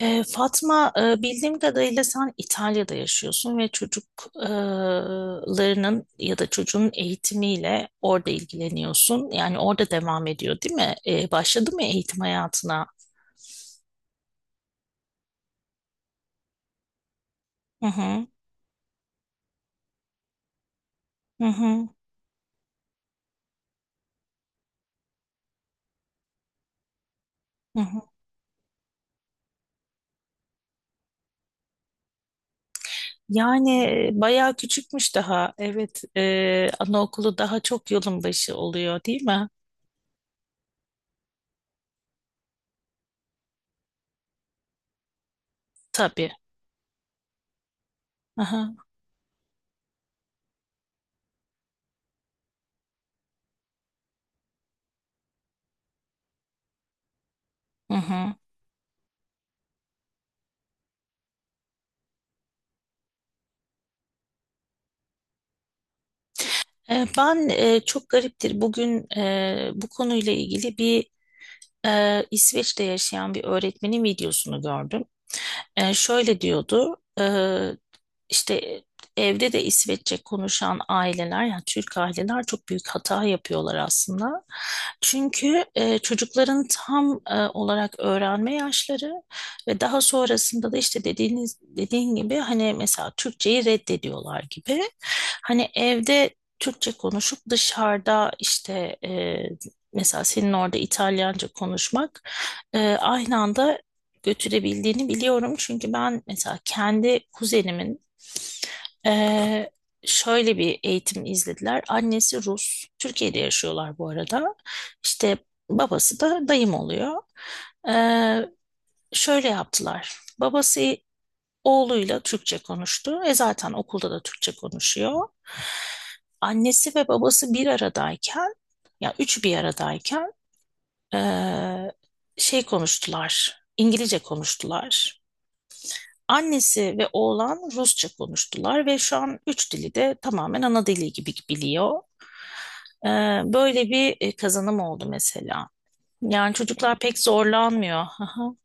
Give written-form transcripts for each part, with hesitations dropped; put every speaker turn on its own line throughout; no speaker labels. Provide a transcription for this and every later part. Fatma, bildiğim kadarıyla sen İtalya'da yaşıyorsun ve çocuklarının ya da çocuğun eğitimiyle orada ilgileniyorsun. Yani orada devam ediyor, değil mi? Başladı mı eğitim hayatına? Hı hı, hı hı, hı hı. Yani bayağı küçükmüş daha. Evet, anaokulu daha çok yolun başı oluyor, değil mi? Tabii. Aha. Hı hı. Ben çok gariptir, bugün bu konuyla ilgili bir İsveç'te yaşayan bir öğretmenin videosunu gördüm. Şöyle diyordu, işte evde de İsveççe konuşan aileler, yani Türk aileler, çok büyük hata yapıyorlar aslında. Çünkü çocukların tam olarak öğrenme yaşları ve daha sonrasında da işte dediğin gibi hani mesela Türkçeyi reddediyorlar gibi. Hani evde Türkçe konuşup dışarıda işte mesela senin orada İtalyanca konuşmak aynı anda götürebildiğini biliyorum. Çünkü ben mesela kendi kuzenimin ee, şöyle bir eğitim izlediler. Annesi Rus. Türkiye'de yaşıyorlar bu arada. İşte babası da dayım oluyor. Ee, Şöyle yaptılar. Babası oğluyla Türkçe konuştu. E zaten okulda da Türkçe konuşuyor. Annesi ve babası bir aradayken, ya üç bir aradayken ee, şey konuştular. İngilizce konuştular. Annesi ve oğlan Rusça konuştular ve şu an üç dili de tamamen ana dili gibi biliyor. Ee, Böyle bir kazanım oldu mesela. Yani çocuklar pek zorlanmıyor. Aha.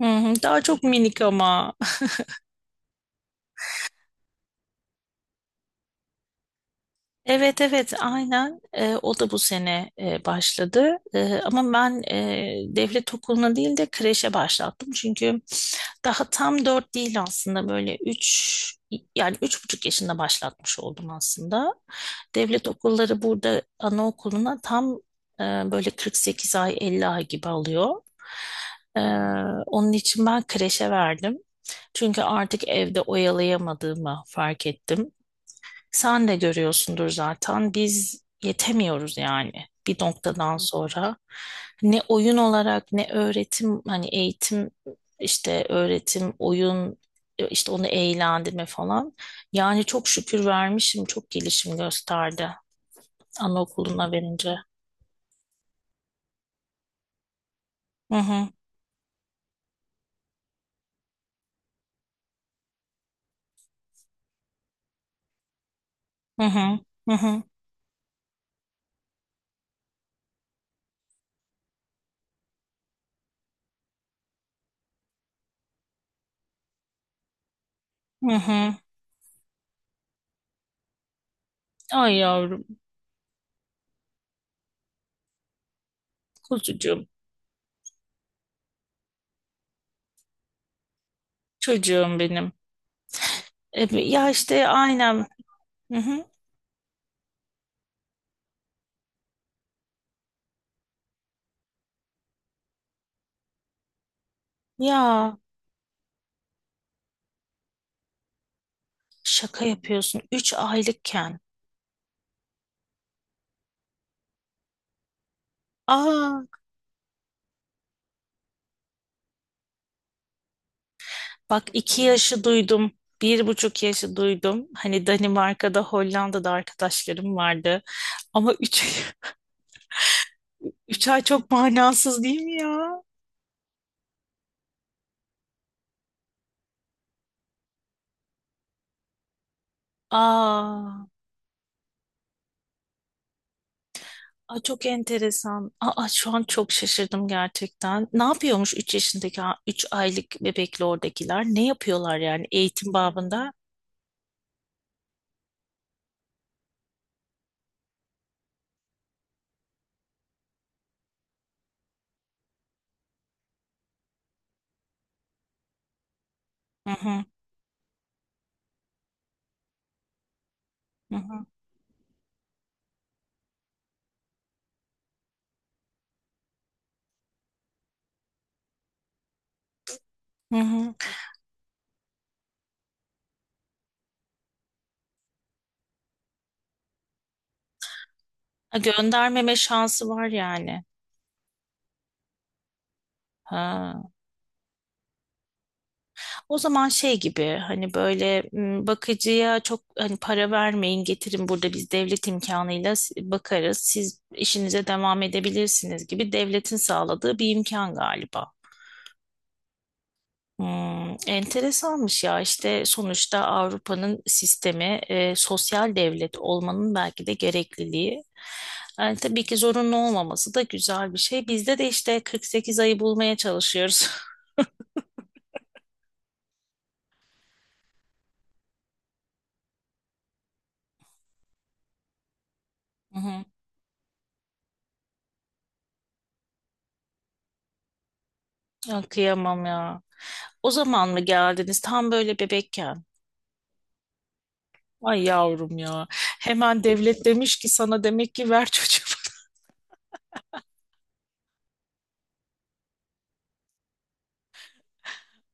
Hı hı. Daha çok minik ama. Evet, evet, aynen. O da bu sene başladı. Ama ben devlet okuluna değil de kreşe başlattım. Çünkü daha tam dört değil, aslında böyle üç, yani 3,5 yaşında başlatmış oldum aslında. Devlet okulları burada anaokuluna tam böyle 48 ay, 50 ay gibi alıyor. E, Onun için ben kreşe verdim. Çünkü artık evde oyalayamadığımı fark ettim. Sen de görüyorsundur zaten, biz yetemiyoruz yani bir noktadan sonra. Ne oyun olarak, ne öğretim, hani eğitim, işte öğretim, oyun, işte onu eğlendirme falan. Yani çok şükür vermişim, çok gelişim gösterdi anaokuluna verince. Hı hı, hı hı, hı hı, hı hı. Ay yavrum, kuzucuğum, çocuğum benim. Ya işte aynen. Hı hı. Ya şaka yapıyorsun. 3 aylıkken. Aa, bak, 2 yaşı duydum. 1,5 yaşı duydum. Hani Danimarka'da, Hollanda'da arkadaşlarım vardı. Ama üç, 3 ay çok manasız değil mi ya? Aa. Aa, çok enteresan. Aa, şu an çok şaşırdım gerçekten. Ne yapıyormuş 3 yaşındaki, 3 aylık bebekle oradakiler? Ne yapıyorlar yani eğitim babında? Hı hı, hı hı, hı hı. Ha, göndermeme şansı var yani. Ha. O zaman şey gibi, hani böyle bakıcıya çok hani para vermeyin, getirin, burada biz devlet imkanıyla bakarız, siz işinize devam edebilirsiniz gibi, devletin sağladığı bir imkan galiba. Hmm, enteresanmış ya. İşte sonuçta Avrupa'nın sistemi, sosyal devlet olmanın belki de gerekliliği. Yani tabii ki zorunlu olmaması da güzel bir şey. Bizde de işte 48 ayı bulmaya çalışıyoruz. Hı hı. Ya kıyamam ya. O zaman mı geldiniz, tam böyle bebekken? Ay yavrum ya. Hemen devlet demiş ki sana, demek ki ver çocuğu.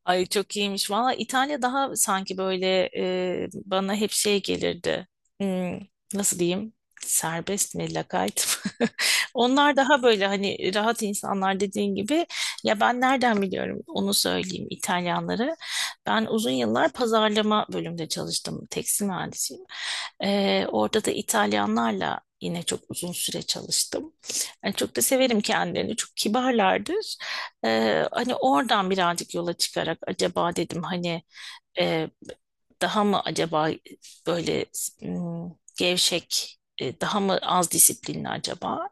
Ay çok iyiymiş. Valla İtalya daha sanki böyle, bana hep şey gelirdi. Hmm, nasıl diyeyim? Serbest mi, lakayt mı? Onlar daha böyle hani rahat insanlar dediğin gibi. Ya ben nereden biliyorum onu söyleyeyim İtalyanları. Ben uzun yıllar pazarlama bölümünde çalıştım. Tekstil mühendisiyim. Orada da İtalyanlarla yine çok uzun süre çalıştım. Yani çok da severim kendilerini. Çok kibarlardır. Hani oradan birazcık yola çıkarak acaba dedim hani e, daha mı acaba böyle m, gevşek, daha mı az disiplinli acaba?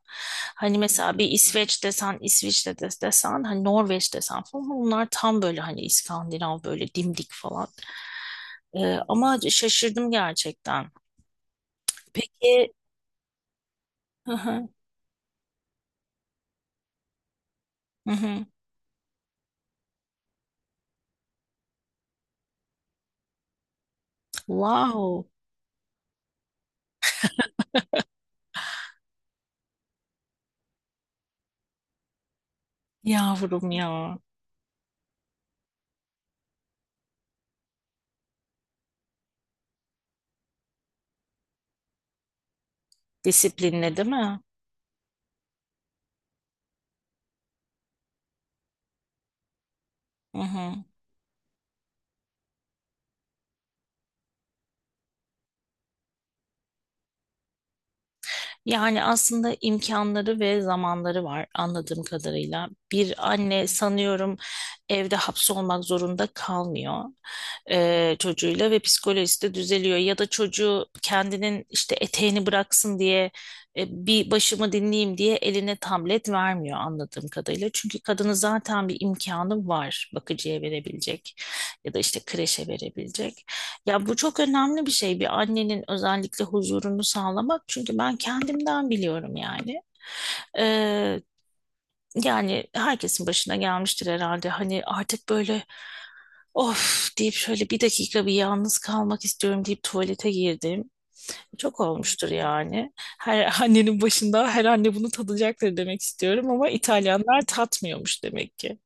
Hani mesela bir İsveç desen, İsviçre desen, hani Norveç desen falan, bunlar tam böyle hani İskandinav, böyle dimdik falan. Ama şaşırdım gerçekten. Peki. Hı hı, hı hı. Wow. Yavrum ya. Disiplinli değil mi? Hı hı. Yani aslında imkanları ve zamanları var anladığım kadarıyla. Bir anne, sanıyorum, evde hapsolmak zorunda kalmıyor çocuğuyla ve psikolojisi de düzeliyor. Ya da çocuğu kendinin işte eteğini bıraksın diye, bir başımı dinleyeyim diye eline tablet vermiyor anladığım kadarıyla. Çünkü kadının zaten bir imkanı var bakıcıya verebilecek ya da işte kreşe verebilecek. Ya bu çok önemli bir şey, bir annenin özellikle huzurunu sağlamak. Çünkü ben kendimden biliyorum yani. Ee, Yani herkesin başına gelmiştir herhalde. Hani artık böyle, of deyip, şöyle bir dakika bir yalnız kalmak istiyorum deyip tuvalete girdim. Çok olmuştur yani. Her annenin başında, her anne bunu tadacaktır demek istiyorum, ama İtalyanlar tatmıyormuş demek ki.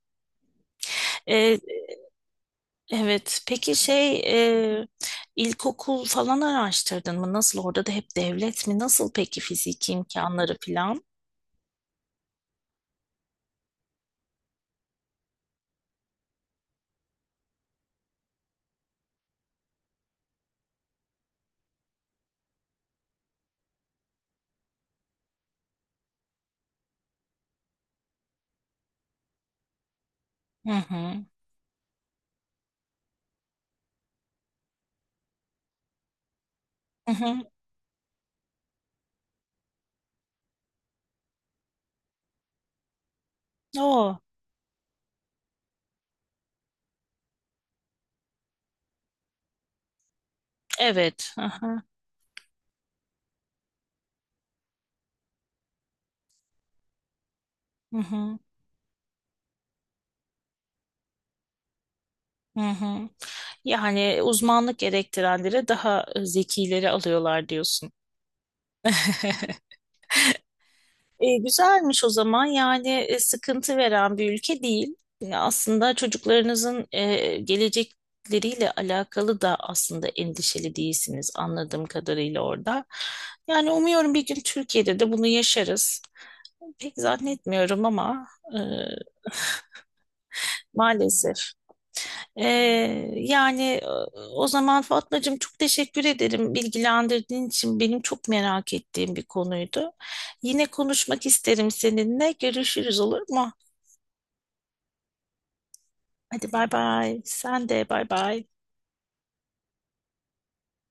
Evet. Peki şey, e, ilkokul falan araştırdın mı? Nasıl, orada da hep devlet mi? Nasıl peki fiziki imkanları falan? Hı hı. Hı hı. O evet. Hı hı. Hı hı. Hı hı. Yani uzmanlık gerektirenlere daha zekileri alıyorlar diyorsun. Güzelmiş o zaman yani, sıkıntı veren bir ülke değil. Aslında çocuklarınızın gelecekleriyle alakalı da aslında endişeli değilsiniz anladığım kadarıyla orada. Yani umuyorum bir gün Türkiye'de de bunu yaşarız. Pek zannetmiyorum ama e, maalesef. E, Yani o zaman Fatmacığım, çok teşekkür ederim bilgilendirdiğin için, benim çok merak ettiğim bir konuydu. Yine konuşmak isterim seninle. Görüşürüz, olur mu? Hadi bay bay. Sen de bay bay.